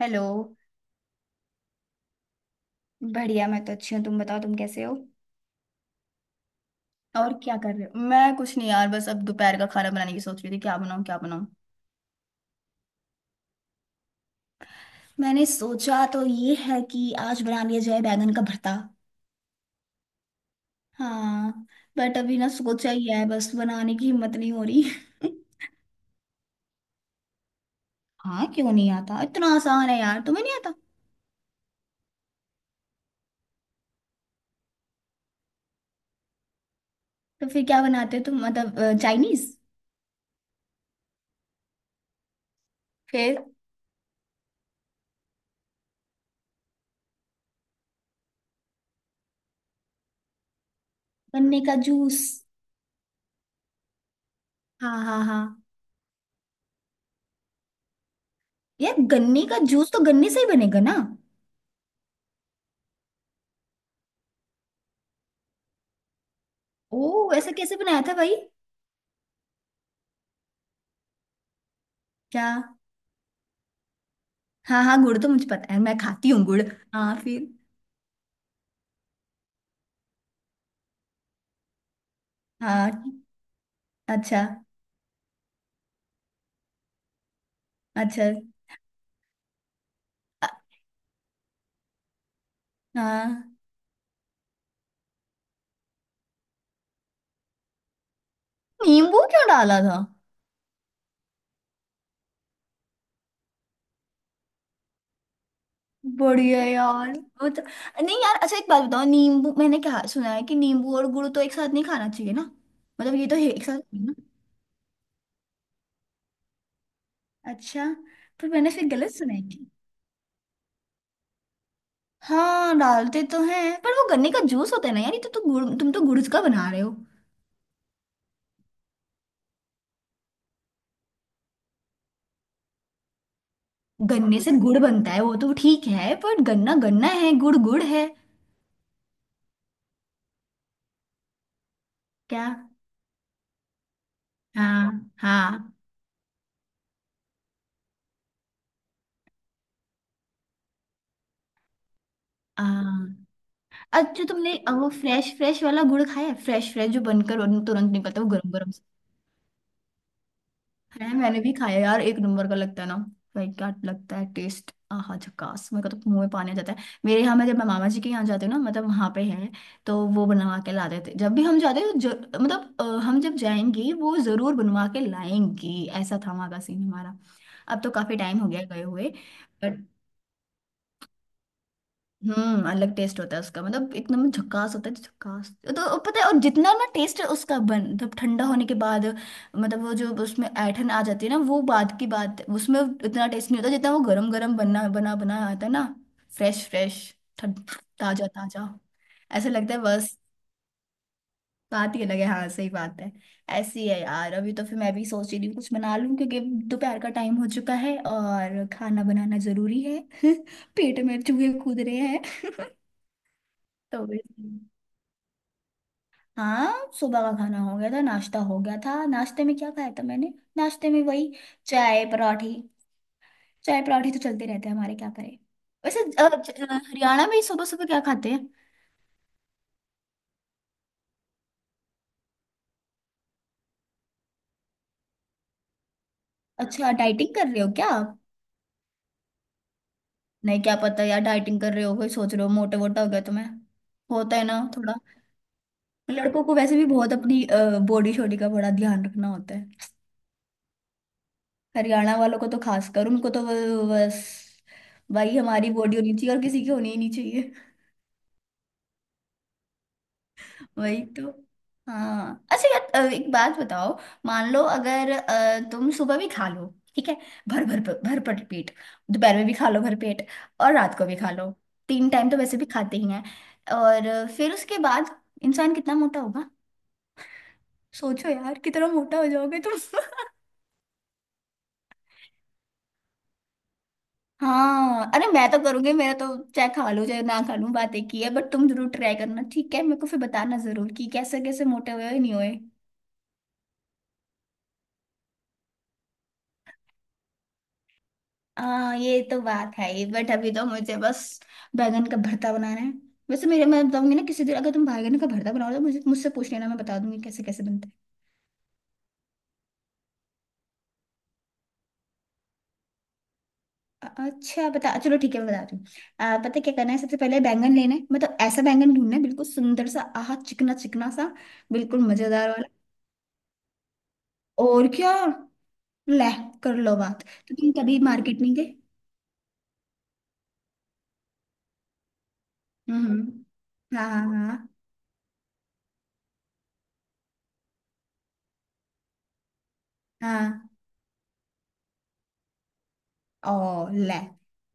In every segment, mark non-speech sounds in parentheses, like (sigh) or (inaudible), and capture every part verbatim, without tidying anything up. Hello. बढ़िया, मैं तो अच्छी हूँ, तुम बताओ तुम कैसे हो? और क्या कर रहे हो? मैं कुछ नहीं यार, बस अब दोपहर का खाना बनाने की सोच रही थी, क्या बनाऊँ क्या बनाऊँ। मैंने सोचा तो ये है कि आज बना लिया जाए बैंगन का भरता। हाँ। बट अभी ना सोचा ही है, बस बनाने की हिम्मत नहीं हो रही। (laughs) हाँ, क्यों नहीं आता? इतना आसान है यार, तुम्हें नहीं आता? तो फिर क्या बनाते हो तुम, मतलब चाइनीज? फिर? गन्ने का जूस? हाँ हाँ हाँ। यार गन्ने का जूस तो गन्ने से ही बनेगा ना। ओ, ऐसा कैसे बनाया था भाई? क्या? हाँ हाँ, गुड़ तो मुझे पता है, मैं खाती हूँ गुड़। हाँ फिर। हाँ। अच्छा। अच्छा। अ- हाँ। नींबू क्यों डाला था? बढ़िया यार। वो तो। नहीं यार, अच्छा एक बात बताओ, नींबू, मैंने क्या सुना है कि नींबू और गुड़ तो एक साथ नहीं खाना चाहिए ना, मतलब ये तो है एक साथ है ना? अच्छा। पर मैंने फिर गलत सुना है कि। हाँ डालते तो हैं पर वो गन्ने का जूस होता है ना यार, ये तो, तो गुड़, तुम तो गुड़ का बना रहे हो। गन्ने से गुड़ बनता है वो तो ठीक है, पर गन्ना गन्ना है, गुड़ गुड़ है। क्या? हाँ हाँ हाँ। अच्छा तुमने अ, वो फ्रेश फ्रेश वाला गुड़ खाया है? फ्रेश फ्रेश जो बनकर उन- तुरंत निकलता है वो गरम गरम से? खाया है, मैंने भी खाया है यार, एक नंबर का लगता है ना। भाई क्या लगता है टेस्ट, आहा झकास! मेरे को तो मुंह में पानी आ जाता है। मेरे यहाँ, मैं जब मैं मामा जी के यहाँ जाती हूँ ना, मतलब वहाँ पे है तो वो बनवा के ला देते। जब भी हम जाते हैं तो जर- मतलब अ, हम जब जाएंगे वो जरूर बनवा के लाएंगी, ऐसा था वहाँ का सीन हमारा। अब तो काफी टाइम हो गया गए हुए। हम्म अलग टेस्ट होता है उसका, मतलब एकदम झकास होता है। तो झकास तो पता है, और जितना ना टेस्ट उसका बन, मतलब ठंडा होने के बाद, मतलब वो जो उसमें ऐठन आ जाती है ना, वो बाद की बात है, उसमें इतना टेस्ट नहीं होता जितना वो गरम गरम बना बना बना आता है ना। Fresh fresh. ताजा ताजा। ऐसा लगता है बस। बात ही अलग है, हाँ सही बात है। ऐसी है यार, अभी तो फिर मैं भी सोच ही रही हूँ कुछ बना लूँ, क्योंकि दोपहर का टाइम हो चुका है और खाना बनाना जरूरी है। (laughs) पेट में चूहे कूद रहे हैं। (laughs) तो वैसे। हाँ सुबह का खाना हो गया था, नाश्ता हो गया था। नाश्ते में क्या खाया था मैंने? नाश्ते में वही, चाय पराठी। चाय पराठी तो चलते रहते हैं हमारे, क्या करें। वैसे अ, ज- अ, हरियाणा में सुबह सुबह क्या खाते हैं? अच्छा डाइटिंग कर रहे हो क्या आप? नहीं क्या पता यार, डाइटिंग कर रहे हो कोई, सोच रहे हो मोटे वोटा हो गया तुम्हें। होता है ना थोड़ा। लड़कों को वैसे भी बहुत अपनी बॉडी शॉडी का बड़ा ध्यान रखना होता है। हरियाणा वालों को तो खासकर, उनको तो वो- बस। भाई हमारी बॉडी होनी चाहिए, और किसी की होनी ही नहीं चाहिए। वही तो। हाँ अच्छा यार, अ, एक बात बताओ। मान लो, अगर अ, तुम सुबह भी खा लो, ठीक है, भर भर भर भर पेट, दोपहर में भी खा लो भर पेट, और रात को भी खा लो, तीन टाइम तो वैसे भी खाते ही हैं, और अ, फिर उसके बाद इंसान कितना मोटा होगा? सोचो यार कितना मोटा हो जाओगे तुम। (laughs) हाँ अरे मैं तो करूंगी, मेरा तो चाहे खा लूं चाहे ना खा लूं बात एक ही है, बट तुम जरूर ट्राई करना ठीक है, मेरे को फिर बताना जरूर कि कैसे कैसे मोटे हुए हो या नहीं हुए। हाँ ये तो बात है ही, बट अभी तो मुझे बस बैंगन का भरता बनाना है। वैसे मेरे, मैं बताऊंगी ना किसी दिन, अगर तुम बैंगन का भरता बनाओ तो मुझे, मुझसे पूछ लेना, मैं बता दूंगी कैसे कैसे बनता है। अ- अच्छा बता, चलो ठीक है, मैं बताती हूँ। अ, पता है क्या करना है? सबसे पहले बैंगन लेना है। मतलब ऐसा बैंगन ढूंढना है, बिल्कुल सुंदर सा, आह चिकना चिकना सा, बिल्कुल मजेदार वाला। और क्या। ले, कर लो बात। तो तुम कभी मार्केट नहीं गए? हम्म। हाँ हाँ हाँ हाँ। ओ ले,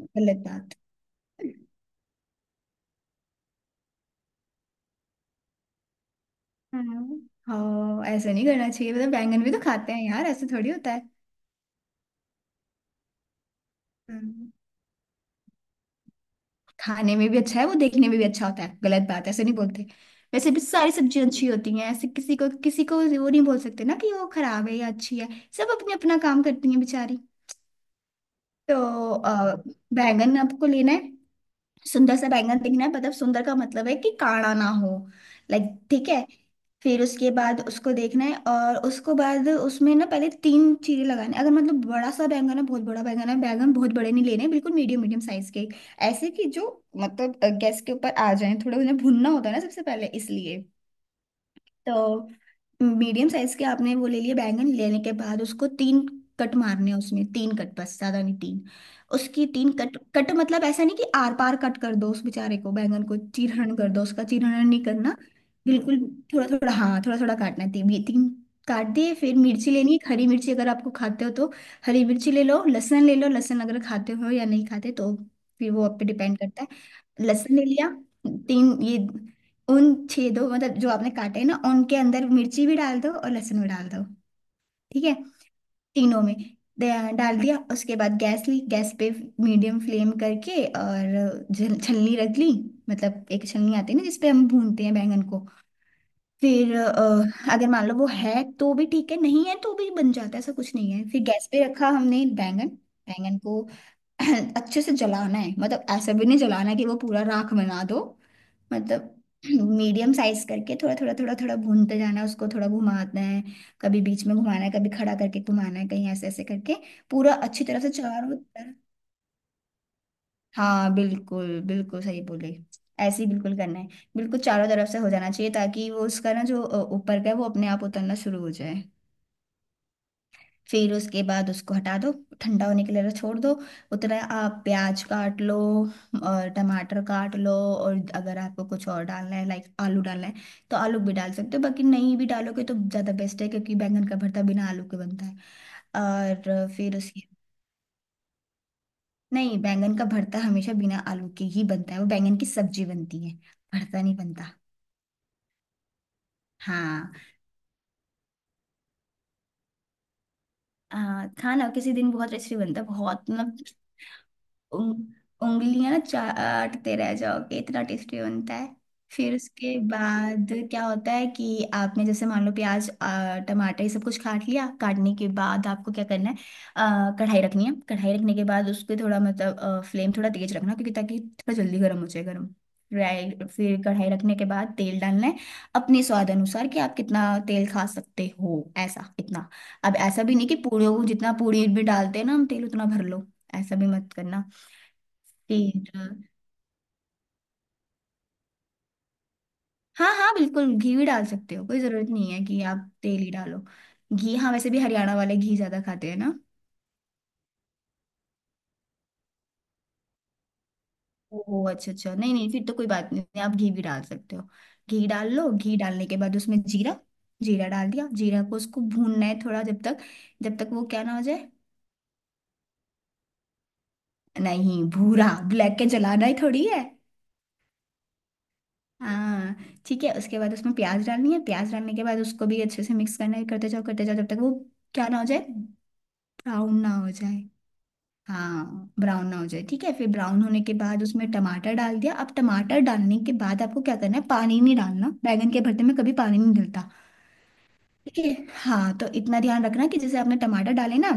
गलत बात। हम्म। हाँ, ऐसा नहीं करना चाहिए, मतलब बैंगन भी तो खाते हैं यार, ऐसे थोड़ी होता है। हम्म, खाने में भी अच्छा है वो, देखने में भी अच्छा होता है। गलत बात है, ऐसे नहीं बोलते। वैसे भी सारी सब्जियां अच्छी होती हैं, ऐसे किसी को किसी को वो नहीं बोल सकते ना कि वो खराब है या अच्छी है। सब अपने अपना काम करती हैं बेचारी। तो अ, बैंगन आपको लेना है। सुंदर सा बैंगन दिखना है, मतलब सुंदर का मतलब है कि काड़ा ना हो, लाइक, ठीक है। फिर उसके बाद उसको देखना है, और उसको बाद उसमें ना पहले तीन चीरे लगाने, अगर मतलब बड़ा सा बैंगन है, बहुत बड़ा बैंगन है। बैंगन बहुत बड़े नहीं लेने, बिल्कुल मीडियम मीडियम साइज के, ऐसे कि जो मतलब अ, गैस के ऊपर आ जाए, थोड़े उन्हें भुनना होता है ना सबसे पहले, इसलिए। तो मीडियम साइज के आपने वो ले लिए। बैंगन लेने के बाद उसको तीन कट मारने हैं, उसमें तीन कट, बस ज्यादा नहीं, तीन। उसकी तीन कट, कट मतलब ऐसा नहीं कि आर पार कट कर दो उस बेचारे को, बैंगन को चीरहरण कर दो, उसका चीरहरण नहीं करना। बिल्कुल थोड़ा थोड़ा, हाँ थोड़ा थोड़ा काटना है तीन, ये तीन काट दिए। फिर मिर्ची लेनी है एक हरी मिर्ची, अगर आपको खाते हो तो हरी मिर्ची ले लो। लहसुन ले लो, लहसुन अगर खाते हो या नहीं खाते तो फिर वो आप पे डिपेंड करता है। लहसुन ले लिया, तीन ये उन छेदों, मतलब जो आपने काटे हैं ना, उनके अंदर मिर्ची भी डाल दो और लहसुन भी डाल दो। ठीक है। तीनों में दे- डाल दिया। उसके बाद गैस ली, गैस पे मीडियम फ्लेम करके, और जल- छलनी रख ली। मतलब एक छलनी आती है ना जिसपे हम भूनते हैं बैंगन को। फिर अ, अगर मान लो वो है तो भी ठीक है, नहीं है तो भी बन जाता है, ऐसा कुछ नहीं है। फिर गैस पे रखा हमने बैंगन। बैंगन को (clears throat) अच्छे से जलाना है, मतलब ऐसा भी नहीं जलाना है कि वो पूरा राख बना दो। मतलब (clears throat) मीडियम साइज करके थोड़ा थोड़ा थोड़ा थोड़ा भूनते जाना है उसको, थोड़ा घुमाना है। कभी बीच में घुमाना है, कभी खड़ा करके घुमाना है, कहीं ऐसे ऐसे करके पूरा अच्छी तरह से चारों तरफ। हाँ बिल्कुल, बिल्कुल सही बोले। ऐसे ही बिल्कुल करना है। बिल्कुल चारों तरफ से हो जाना चाहिए, ताकि वो उसका ना जो अ, ऊपर का है वो अपने आप उतरना शुरू हो जाए। फिर उसके बाद उसको हटा दो, ठंडा होने के लिए छोड़ दो। उतना आप प्याज काट लो और टमाटर काट लो, और अगर आपको कुछ और डालना है, लाइक आलू डालना है, तो आलू भी डाल सकते हो, बाकी नहीं भी डालोगे तो ज़्यादा बेस्ट है, क्योंकि बैंगन का भरता बिना आलू के बनता है। और फिर उसके। नहीं, बैंगन का भरता हमेशा बिना आलू के ही बनता है, वो बैंगन की सब्जी बनती है, भरता नहीं बनता। हाँ आ, खाना किसी दिन बहुत टेस्टी बनता है, बहुत मतलब। उंग- उंगलियां चाटते रह जाओगे, इतना टेस्टी बनता है। फिर उसके बाद क्या होता है कि आपने जैसे मान लो प्याज आ, टमाटर, ये सब कुछ काट लिया। काटने के बाद आपको क्या करना है? आ, कढ़ाई रखनी है। कढ़ाई रखने के बाद उसको थोड़ा, मतलब आ, फ्लेम थोड़ा तेज रखना, क्योंकि, ताकि थोड़ा जल्दी गर्म हो जाए गर्म। राइट, फिर कढ़ाई रखने के बाद तेल डालना है, अपने स्वाद अनुसार कि आप कितना तेल खा सकते हो, ऐसा इतना। अब ऐसा भी नहीं कि पूरे जितना पूरी भी डालते हैं ना हम तेल, उतना भर लो, ऐसा भी मत करना। तेल, हाँ हाँ बिल्कुल घी भी डाल सकते हो, कोई जरूरत नहीं है कि आप तेल ही डालो। घी, हाँ वैसे भी हरियाणा वाले घी ज्यादा खाते हैं ना। ओह अच्छा अच्छा, नहीं नहीं, फिर तो कोई बात नहीं, आप घी भी डाल सकते हो। घी डाल लो। घी डालने के बाद उसमें जीरा, जीरा डाल दिया। जीरा को उसको भूनना है थोड़ा, जब तक, जब तक वो क्या ना हो जाए? नहीं भूरा, ब्लैक के जलाना ही थोड़ी है। हाँ ठीक है। उसके बाद उसमें प्याज डालनी है, प्याज डालने के बाद उसको भी अच्छे से मिक्स करना है, करते जाओ करते जाओ जब तक वो क्या ना हो जाए, ब्राउन ना हो जाए। हाँ ब्राउन ना हो जाए ठीक है। फिर ब्राउन होने के बाद उसमें टमाटर डाल दिया। अब टमाटर डालने के बाद आपको क्या करना है? पानी नहीं डालना, बैंगन के भरते में कभी पानी नहीं डलता। ठीक है। हाँ तो इतना ध्यान रखना कि जैसे आपने टमाटर डाले ना,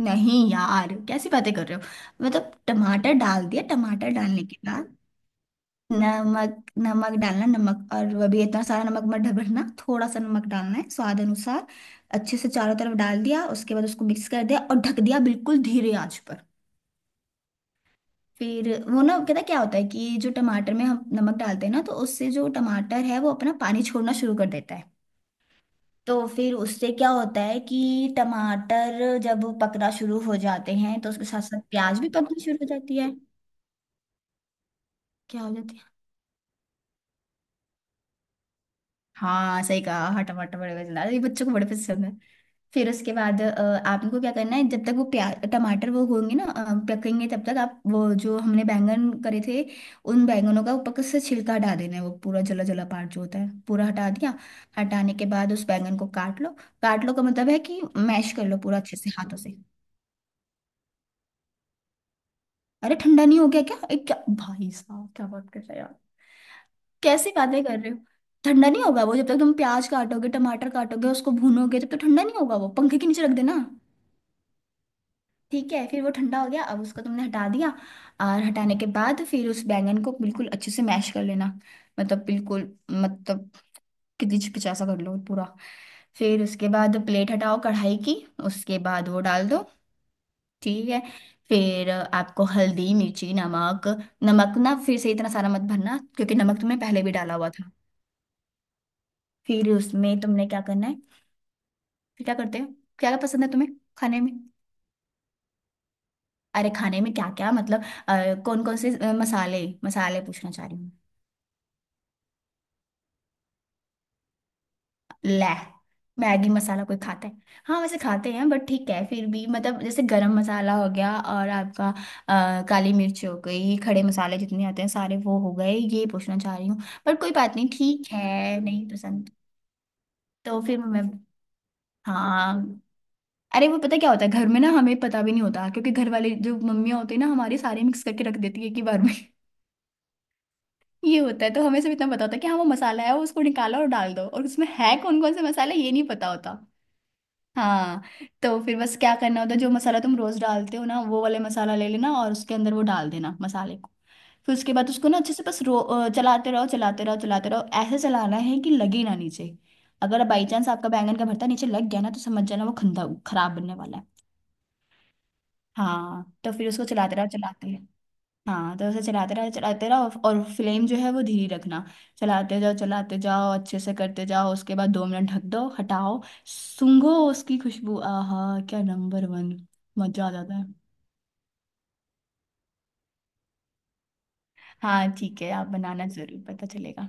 नहीं। यार कैसी बातें कर रहे हो। मतलब टमाटर डाल दिया। टमाटर डालने के बाद नमक, नमक डालना। नमक और वो भी इतना सारा नमक मत भरना, थोड़ा सा नमक डालना है, स्वाद अनुसार। अच्छे से चारों तरफ डाल दिया, उसके बाद उसको मिक्स कर दिया और ढक दिया, बिल्कुल धीरे आंच पर। फिर वो ना, कहता क्या होता है कि जो टमाटर में हम नमक डालते हैं ना, तो उससे जो टमाटर है वो अपना पानी छोड़ना शुरू कर देता है। तो फिर उससे क्या होता है कि टमाटर जब पकना शुरू हो जाते हैं, तो उसके साथ साथ प्याज भी पकनी शुरू हो जाती है। क्या हो जाती है? हाँ सही कहा। हाँ, टमाटर बड़े पसंद आता है ये, बच्चों को बड़े पसंद है। फिर उसके बाद अ, आप इनको क्या करना है, जब तक वो प्याज टमाटर वो होंगे ना, अ, पकेंगे, तब तक आप वो जो हमने बैंगन करे थे, उन बैंगनों का ऊपर से छिलका हटा देना है। वो पूरा जला जला पार्ट जो होता है, पूरा हटा दिया। हटाने के बाद उस बैंगन को काट लो। काट लो का मतलब है कि मैश कर लो पूरा अच्छे से हाथों से। अरे ठंडा नहीं हो गया क्या? ए, क्या भाई साहब, क्या बात कर रहे हैं। कैसी बातें कर रहे हो। ठंडा नहीं होगा? वो जब तक तुम प्याज काटोगे, टमाटर काटोगे, उसको भूनोगे, तब तक ठंडा नहीं होगा। वो पंखे के नीचे रख देना। ठीक है, फिर वो ठंडा हो गया। अब उसको तुमने हटा दिया और हटाने के बाद फिर उस बैंगन को बिल्कुल अच्छे से मैश कर लेना। मतलब बिल्कुल, मतलब कितनी पिचा सा कर लो पूरा। फिर उसके बाद प्लेट हटाओ कढ़ाई की, उसके बाद वो डाल दो। ठीक है, फिर आपको हल्दी, मिर्ची, नमक। नमक ना फिर से इतना सारा मत भरना, क्योंकि नमक तुमने पहले भी डाला हुआ था। फिर उसमें तुमने क्या करना है? फिर क्या करते हैं, क्या पसंद है तुम्हें खाने में? अरे खाने में क्या क्या मतलब, कौन कौन से अ, मसाले, मसाले पूछना चाह रही हूँ। ले, मैगी मसाला कोई खाता है? हाँ वैसे खाते हैं, बट ठीक है, फिर भी मतलब जैसे गरम मसाला हो गया, और आपका अ, काली मिर्च हो गई, खड़े मसाले जितने आते हैं सारे, वो हो गए, ये पूछना चाह रही हूँ। पर कोई बात नहीं, ठीक है, नहीं पसंद। तो फिर मैं, हाँ, अरे वो पता क्या होता है, घर में ना हमें पता भी नहीं होता, क्योंकि घर वाले जो मम्मियाँ होती है ना, हमारे सारे मिक्स करके रख देती है एक ही बार में। ये होता है, तो हमें सिर्फ इतना पता होता है कि हाँ वो मसाला है वो, उसको निकालो और डाल दो। और उसमें है कौन कौन से मसाला, ये नहीं पता होता। हाँ, तो फिर बस क्या करना होता है, जो मसाला तुम रोज डालते हो ना, वो वाले मसाला ले लेना और उसके अंदर वो डाल देना, मसाले को। फिर उसके बाद उसको ना अच्छे से बस रो अ, चलाते रहो, चलाते रहो चलाते रहो। ऐसे चलाना है कि लगे ना नीचे। अगर बाई चांस आपका बैंगन का भरता नीचे लग गया ना, तो समझ जाना वो खंदा खराब बनने वाला है। हाँ, तो फिर उसको चलाते रहो, चलाते, हाँ तो उसे चलाते रहो, चलाते रहो और फ्लेम जो है वो धीरे रखना। चलाते जाओ, चलाते जाओ अच्छे से करते जाओ। उसके बाद दो मिनट ढक दो, हटाओ, सूंघो उसकी खुशबू। आहा क्या, नंबर वन। मजा आ जाता है। हाँ ठीक है, आप बनाना जरूर, पता चलेगा।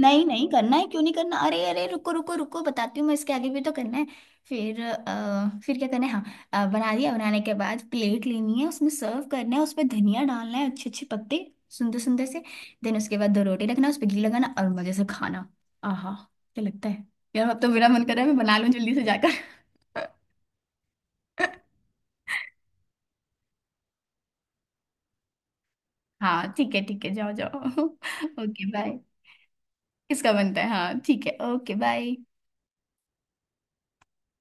नहीं नहीं, करना है, क्यों नहीं करना। अरे अरे रुको रुको रुको, बताती हूँ मैं, इसके आगे भी तो करना है। फिर अ, फिर क्या करना है, हाँ, अ, बना दिया। बनाने के बाद प्लेट लेनी है, उसमें सर्व करना है, उसमें धनिया डालना है अच्छे अच्छे पत्ते, सुंदर सुंदर से। देन उसके बाद दो रोटी रखना, उस पर घी लगाना और मजे से खाना। आहा, क्या लगता है? यार अब तो मेरा मन कर रहा है मैं बना लूँ जल्दी से जाकर। (laughs) हाँ ठीक है ठीक है, जाओ जाओ। (laughs) Okay bye. इसका बनता है, हाँ ठीक है, ओके बाय।